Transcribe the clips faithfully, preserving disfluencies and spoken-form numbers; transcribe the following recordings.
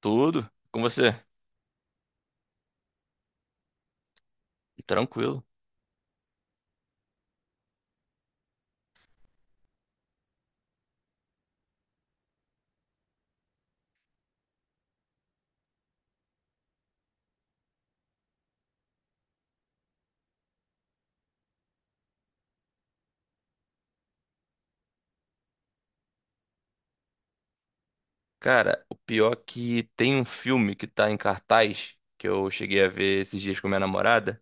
Tudo? Com você? Tranquilo. Cara, o pior é que tem um filme que tá em cartaz que eu cheguei a ver esses dias com minha namorada,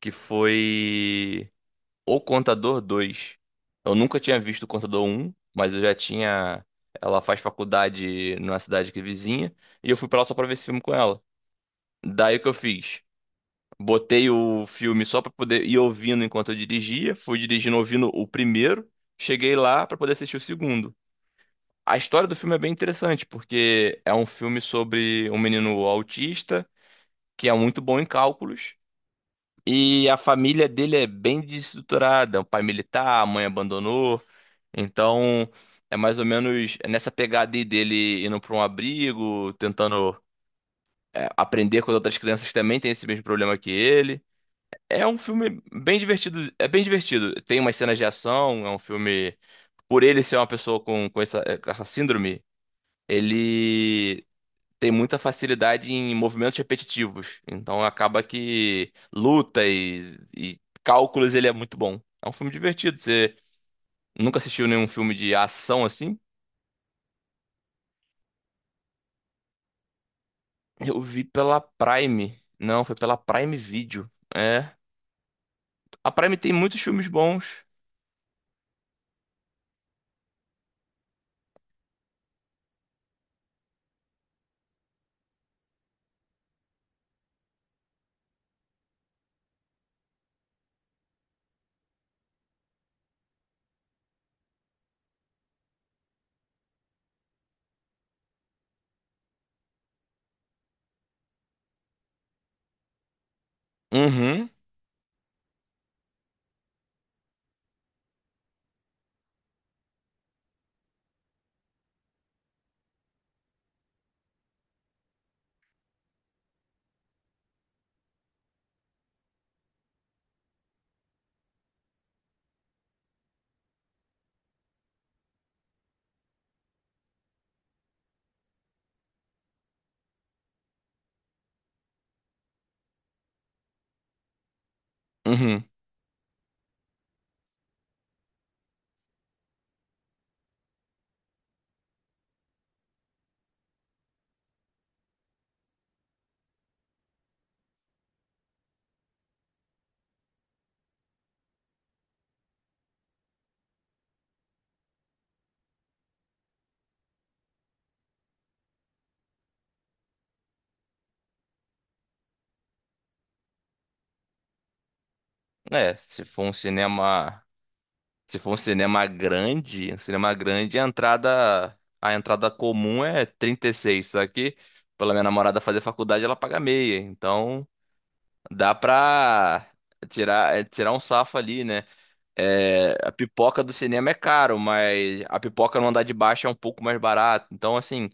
que foi O Contador dois. Eu nunca tinha visto O Contador um, mas eu já tinha. Ela faz faculdade numa cidade que é vizinha, e eu fui pra lá só pra ver esse filme com ela. Daí o que eu fiz? Botei o filme só pra poder ir ouvindo enquanto eu dirigia, fui dirigindo ouvindo o primeiro, cheguei lá pra poder assistir o segundo. A história do filme é bem interessante, porque é um filme sobre um menino autista que é muito bom em cálculos, e a família dele é bem desestruturada, o pai militar, a mãe abandonou, então é mais ou menos nessa pegada aí, dele indo para um abrigo, tentando é, aprender com as outras crianças que também tem esse mesmo problema que ele. É um filme bem divertido, é bem divertido. Tem umas cenas de ação. É um filme, por ele ser uma pessoa com, com essa, essa síndrome, ele tem muita facilidade em movimentos repetitivos. Então acaba que lutas e cálculos ele é muito bom. É um filme divertido. Você nunca assistiu nenhum filme de ação assim? Eu vi pela Prime. Não, foi pela Prime Video. É. A Prime tem muitos filmes bons. Uhum, uhum. É, se for um cinema, se for um cinema grande, um cinema grande, a entrada, a entrada comum é trinta e seis, só que, pela minha namorada fazer faculdade, ela paga meia. Então, dá pra tirar, é, tirar um safo ali, né? É, a pipoca do cinema é caro, mas a pipoca no andar de baixo é um pouco mais barato. Então, assim,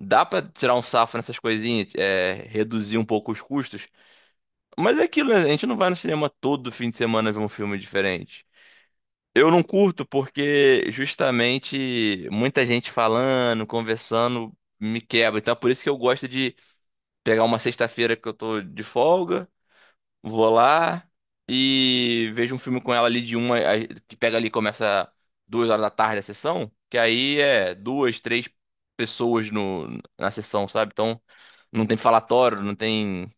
dá pra tirar um safo nessas coisinhas, é, reduzir um pouco os custos. Mas é aquilo, né? A gente não vai no cinema todo fim de semana ver um filme diferente. Eu não curto porque justamente muita gente falando, conversando, me quebra. Então, é por isso que eu gosto de pegar uma sexta-feira que eu tô de folga. Vou lá e vejo um filme com ela ali, de uma, a- que pega ali, e começa duas horas da tarde a sessão, que aí é duas, três pessoas no, na sessão, sabe? Então não tem falatório, não tem.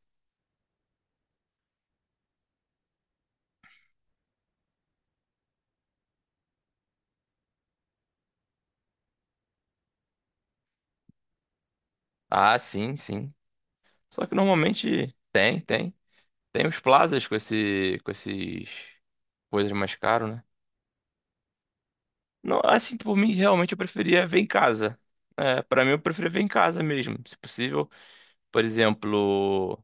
Ah, sim, sim. Só que normalmente tem, tem. Tem os plazas com esse, com esses coisas mais caras, né? Não, assim, por mim, realmente eu preferia ver em casa. É, para mim, eu preferia ver em casa mesmo, se possível. Por exemplo,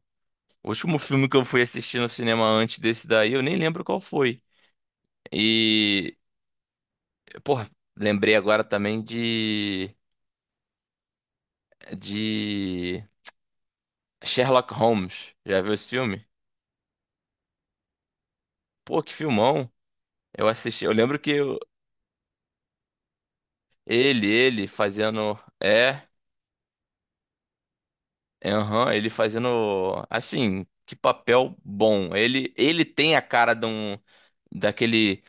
o último filme que eu fui assistir no cinema antes desse daí, eu nem lembro qual foi. E, porra, lembrei agora também de de Sherlock Holmes. Já viu esse filme? Pô, que filmão. Eu assisti, eu lembro que eu- ele, ele fazendo é, é, aham, ele fazendo assim, que papel bom. Ele ele tem a cara de um, daquele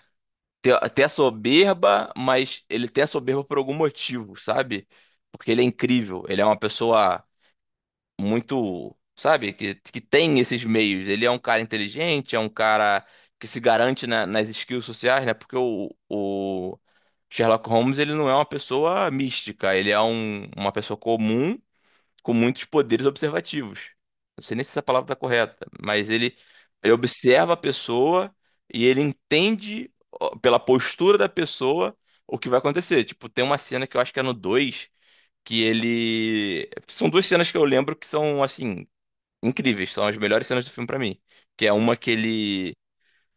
ter, ter a soberba, mas ele tem a soberba por algum motivo, sabe? Porque ele é incrível, ele é uma pessoa muito, sabe, que, que tem esses meios. Ele é um cara inteligente, é um cara que se garante na- nas skills sociais, né? Porque o, o Sherlock Holmes, ele não é uma pessoa mística, ele é um- uma pessoa comum com muitos poderes observativos. Não sei nem se essa palavra está correta, mas ele, ele observa a pessoa e ele entende, ó, pela postura da pessoa, o que vai acontecer. Tipo, tem uma cena que eu acho que é no dois, que ele. São duas cenas que eu lembro que são, assim, incríveis, são as melhores cenas do filme pra mim. Que é uma que ele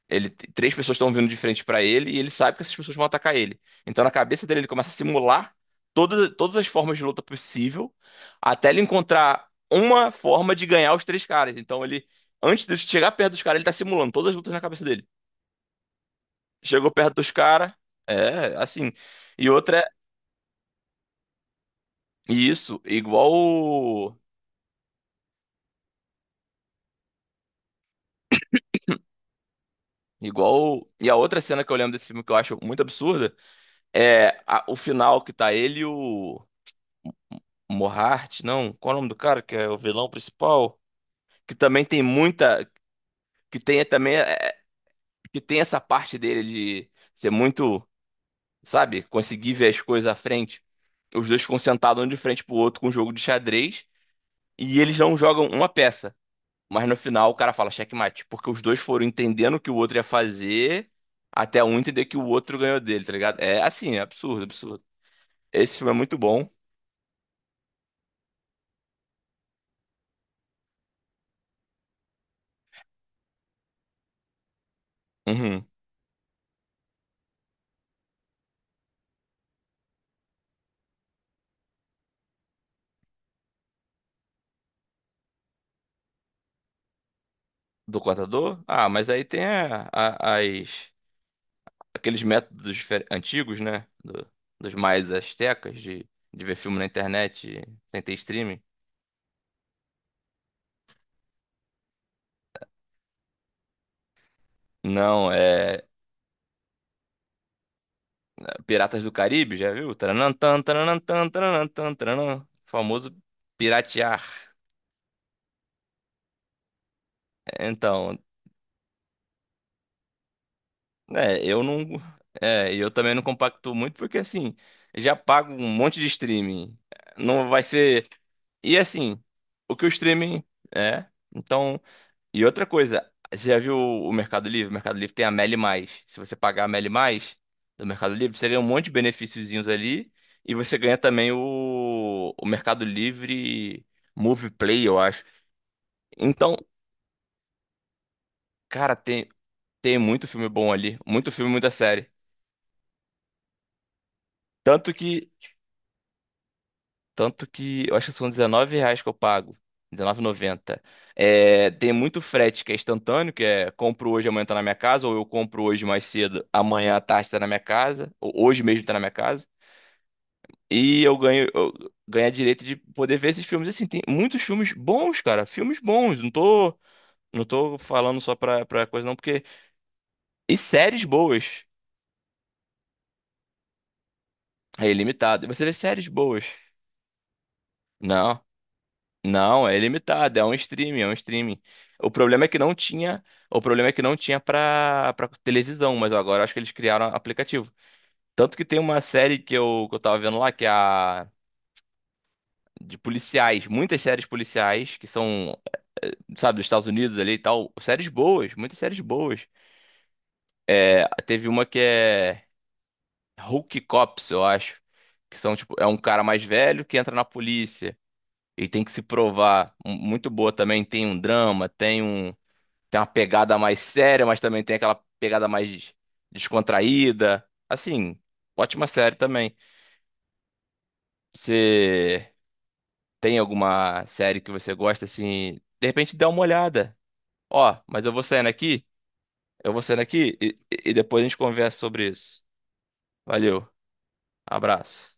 ele, três pessoas estão vindo de frente pra ele, e ele sabe que essas pessoas vão atacar ele. Então, na cabeça dele, ele começa a simular todas, todas as formas de luta possível, até ele encontrar uma forma de ganhar os três caras. Então, ele, antes de chegar perto dos caras, ele tá simulando todas as lutas na cabeça dele. Chegou perto dos caras, é, assim. E outra é, e isso, igual. o- Igual. E a outra cena que eu lembro desse filme, que eu acho muito absurda, é a- o final, que tá ele e o. Mohart, não, qual é o nome do cara que é o vilão principal? Que também tem muita, que tem também, é, que tem essa parte dele de ser muito, sabe, conseguir ver as coisas à frente. Os dois ficam sentados um de frente pro outro com um jogo de xadrez, e eles não jogam uma peça. Mas, no final, o cara fala checkmate, porque os dois foram entendendo o que o outro ia fazer, até um entender que o outro ganhou dele, tá ligado? É assim, é absurdo, absurdo. Esse filme é muito bom. Uhum. Do contador? Ah, mas aí tem a- a- as, aqueles métodos difer- antigos, né? Do- dos mais astecas de, de ver filme na internet sem ter streaming. Não, é Piratas do Caribe, já viu? Taranantã, taranantã, taranantã, taranã. Famoso piratear. Então, é, eu não. É, e eu também não compacto muito porque, assim, já pago um monte de streaming. Não vai ser. E assim, o que o streaming é. Então. E outra coisa, você já viu o Mercado Livre? O Mercado Livre tem a Meli Mais. Se você pagar a Meli Mais do Mercado Livre, você ganha um monte de benefíciozinhos ali. E você ganha também o, o Mercado Livre Movie Play, eu acho. Então, cara, tem, tem muito filme bom ali. Muito filme, muita série. Tanto que Tanto que eu acho que são dezenove reais que eu pago. R dezenove e noventa. É, tem muito frete que é instantâneo, que é: compro hoje, amanhã tá na minha casa; ou eu compro hoje mais cedo, amanhã à tarde tá na minha casa; ou hoje mesmo tá na minha casa. E eu ganho, eu ganho a direito de poder ver esses filmes. Assim, tem muitos filmes bons, cara. Filmes bons. Não tô, não tô falando só pra, pra coisa, não, porque. E séries boas. É ilimitado. E você vê séries boas. Não. Não, é limitado, é um streaming, é um streaming. O problema é que não tinha, o problema é que não tinha pra para televisão, mas agora acho que eles criaram aplicativo. Tanto que tem uma série que eu, que eu tava vendo lá, que é a de policiais, muitas séries policiais que são, eh, eh, sabe, dos Estados Unidos ali e tal, séries boas, muitas séries boas. Ah, teve uma que é Hulk Cops, eu acho, que são tipo, é um cara mais velho que entra na polícia. E tem que se provar. Um- Muito boa também. Tem um drama, tem um. Tem uma pegada mais séria, mas também tem aquela pegada mais des- descontraída. Assim, ótima série também. Você tem alguma série que você gosta, assim, de repente dá uma olhada. Ó, mas eu vou saindo aqui, eu vou saindo aqui e, e e depois a gente conversa sobre isso. Valeu, abraço.